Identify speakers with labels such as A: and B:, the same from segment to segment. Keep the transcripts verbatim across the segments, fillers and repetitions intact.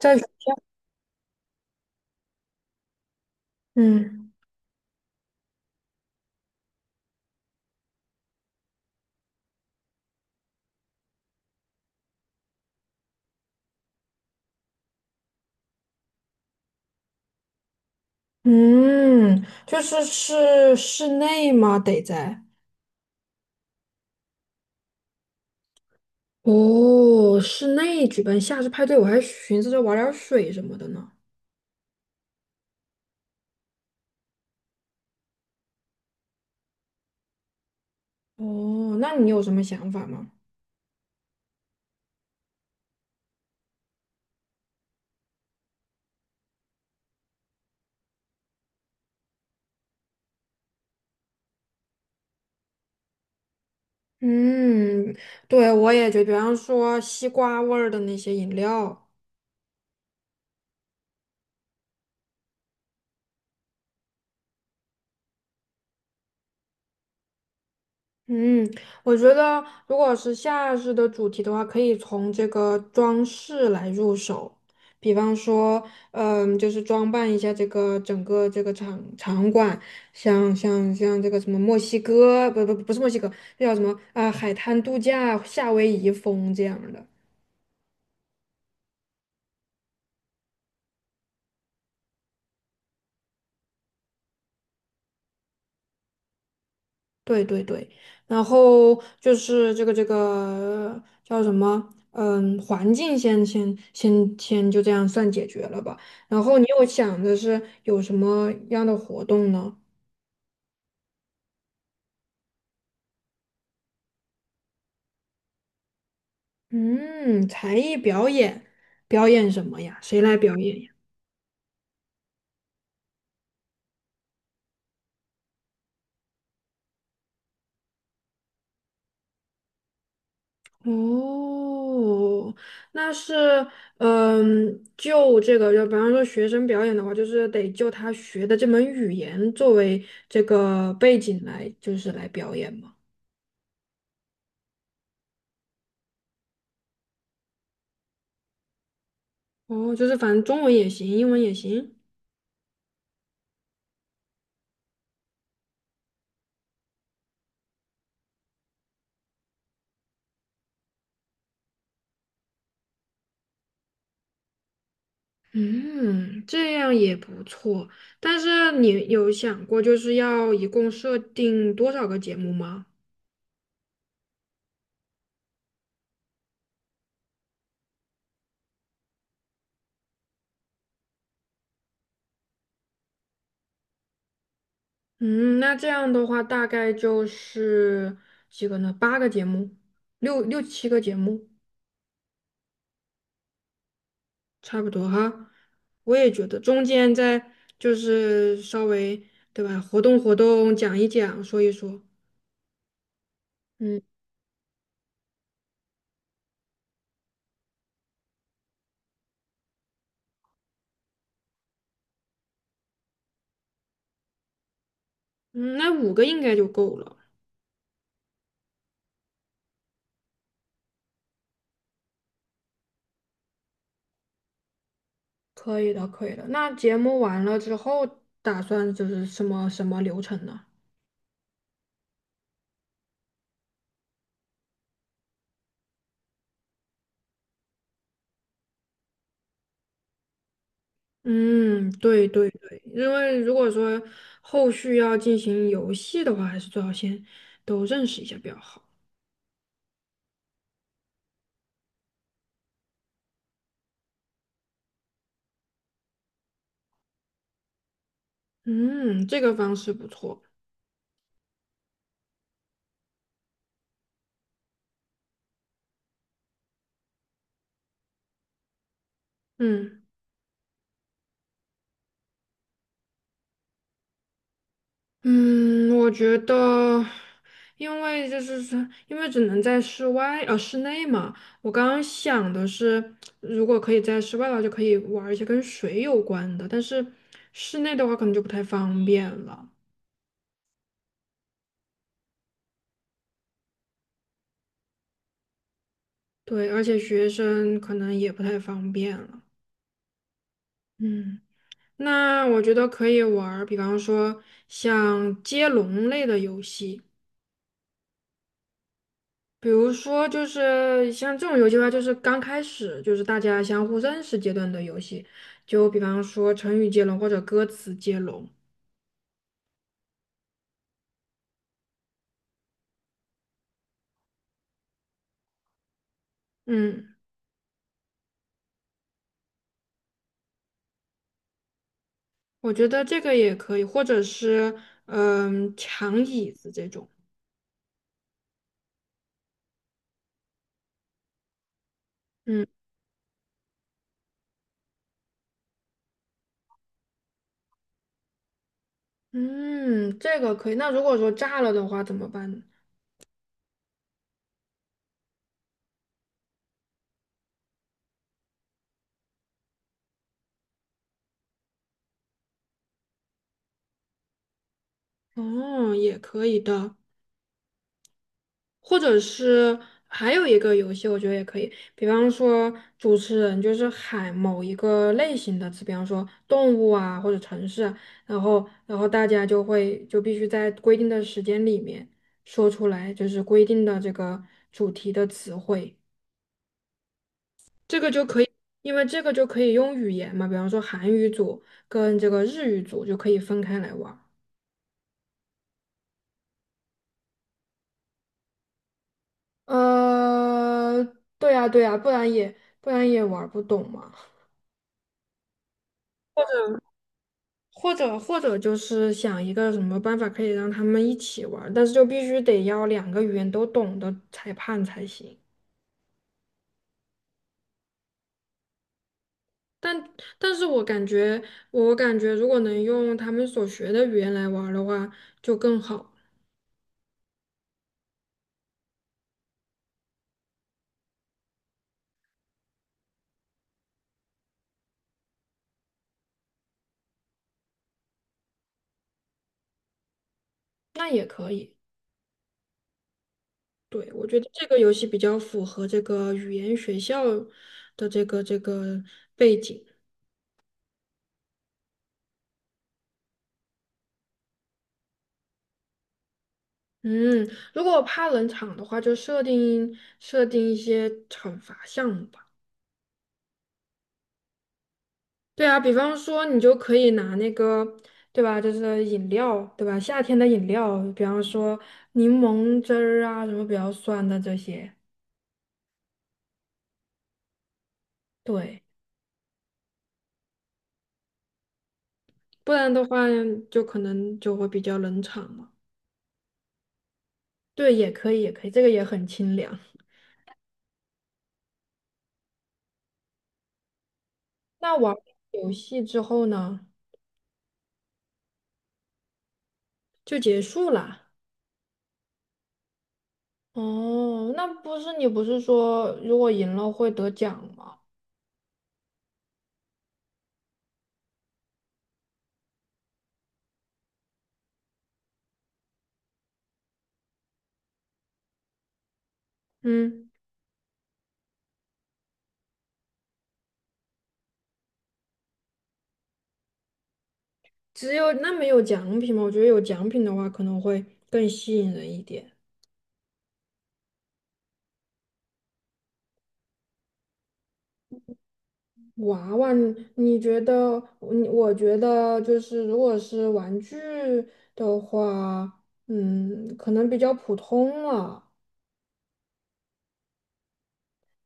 A: 在嗯嗯，就是是室内吗？得在哦，室内举办夏日派对，我还寻思着玩点儿水什么的呢。哦，那你有什么想法吗？嗯，对，我也觉得比方说西瓜味儿的那些饮料。嗯，我觉得如果是夏日的主题的话，可以从这个装饰来入手，比方说，嗯，就是装扮一下这个整个这个场场馆，像像像这个什么墨西哥，不不不是墨西哥，那叫什么啊、海滩度假、夏威夷风这样的。对对对，然后就是这个这个叫什么？嗯，环境先先先先就这样算解决了吧。然后你又想的是有什么样的活动呢？嗯，才艺表演，表演什么呀？谁来表演呀？哦，那是嗯，就这个，就比方说学生表演的话，就是得就他学的这门语言作为这个背景来，就是来表演嘛。哦，就是反正中文也行，英文也行。嗯，这样也不错。但是你有想过就是要一共设定多少个节目吗？嗯，那这样的话大概就是几个呢？八个节目，六六七个节目，差不多哈。我也觉得中间再就是稍微对吧，活动活动，讲一讲，说一说。嗯嗯，那五个应该就够了。可以的，可以的。那节目完了之后，打算就是什么什么流程呢？嗯，对对对，因为如果说后续要进行游戏的话，还是最好先都认识一下比较好。嗯，这个方式不错。嗯。嗯，我觉得，因为就是说，因为只能在室外，呃，室内嘛。我刚刚想的是，如果可以在室外的话，就可以玩一些跟水有关的，但是室内的话可能就不太方便了。对，而且学生可能也不太方便了。嗯，那我觉得可以玩儿比方说像接龙类的游戏。比如说，就是像这种游戏的话，就是刚开始就是大家相互认识阶段的游戏，就比方说成语接龙或者歌词接龙。嗯，我觉得这个也可以，或者是嗯抢椅子这种。嗯嗯，这个可以。那如果说炸了的话怎么办呢？哦，也可以的。或者是还有一个游戏，我觉得也可以，比方说主持人就是喊某一个类型的词，比方说动物啊或者城市啊然后然后大家就会就必须在规定的时间里面说出来，就是规定的这个主题的词汇。这个就因为这个就可以用语言嘛，比方说韩语组跟这个日语组就可以分开来玩儿。呃，对呀对呀，不然也不然也玩儿不懂嘛。或者或者就是想一个什么办法可以让他们一起玩儿，但是就必须得要两个语言都懂的裁判才行。但但是我感觉，我感觉如果能用他们所学的语言来玩儿的话，就更好。那也可以，对，我觉得这个游戏比较符合这个语言学校的这个这个背景。嗯，如果怕冷场的话，就设定设定一些惩罚项目吧。对啊，比方说你就可以拿那个，对吧？就是饮料，对吧？夏天的饮料，比方说柠檬汁儿啊，什么比较酸的这些，对，不然的话就可能就会比较冷场嘛。对，也可以，也可以，这个也很清凉。那玩游戏之后呢，就结束啦。哦，那不是你不是说如果赢了会得奖吗？嗯，只有那没有奖品吗？我觉得有奖品的话可能会更吸引人一点。娃娃，你你觉得，嗯我觉得就是，如果是玩具的话，嗯，可能比较普通了，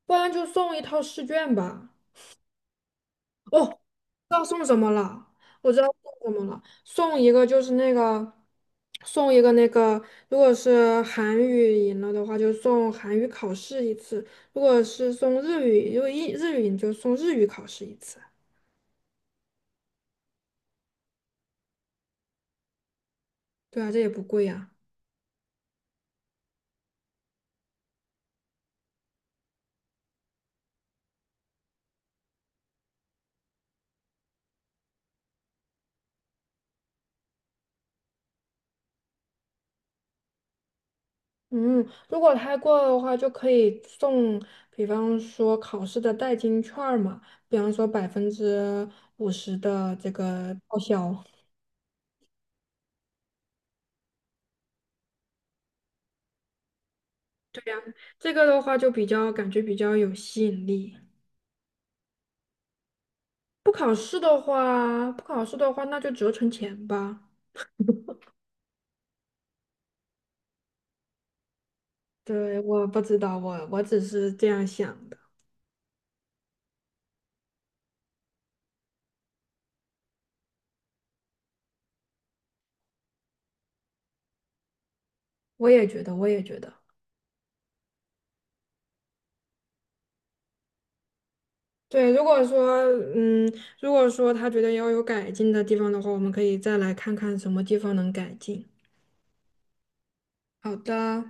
A: 不然就送一套试卷吧。哦，知道送什么了？我知道送什么了，送一个就是那个，送一个那个，如果是韩语赢了的话，就送韩语考试一次；如果是送日语，如果英日语赢就送日语考试一次。对啊，这也不贵呀、嗯，如果太过的话，就可以送，比方说考试的代金券儿嘛，比方说百分之五十的这个报销，这个的话就比较感觉比较有吸引力。不考试的话，不考试的话，那就折成钱吧。对，我不知道，我我只是这样想的，我也觉得，我也觉得。对，如果说，嗯，如果说他觉得要有改进的地方的话，我们可以再来看看什么地方能改进。好的。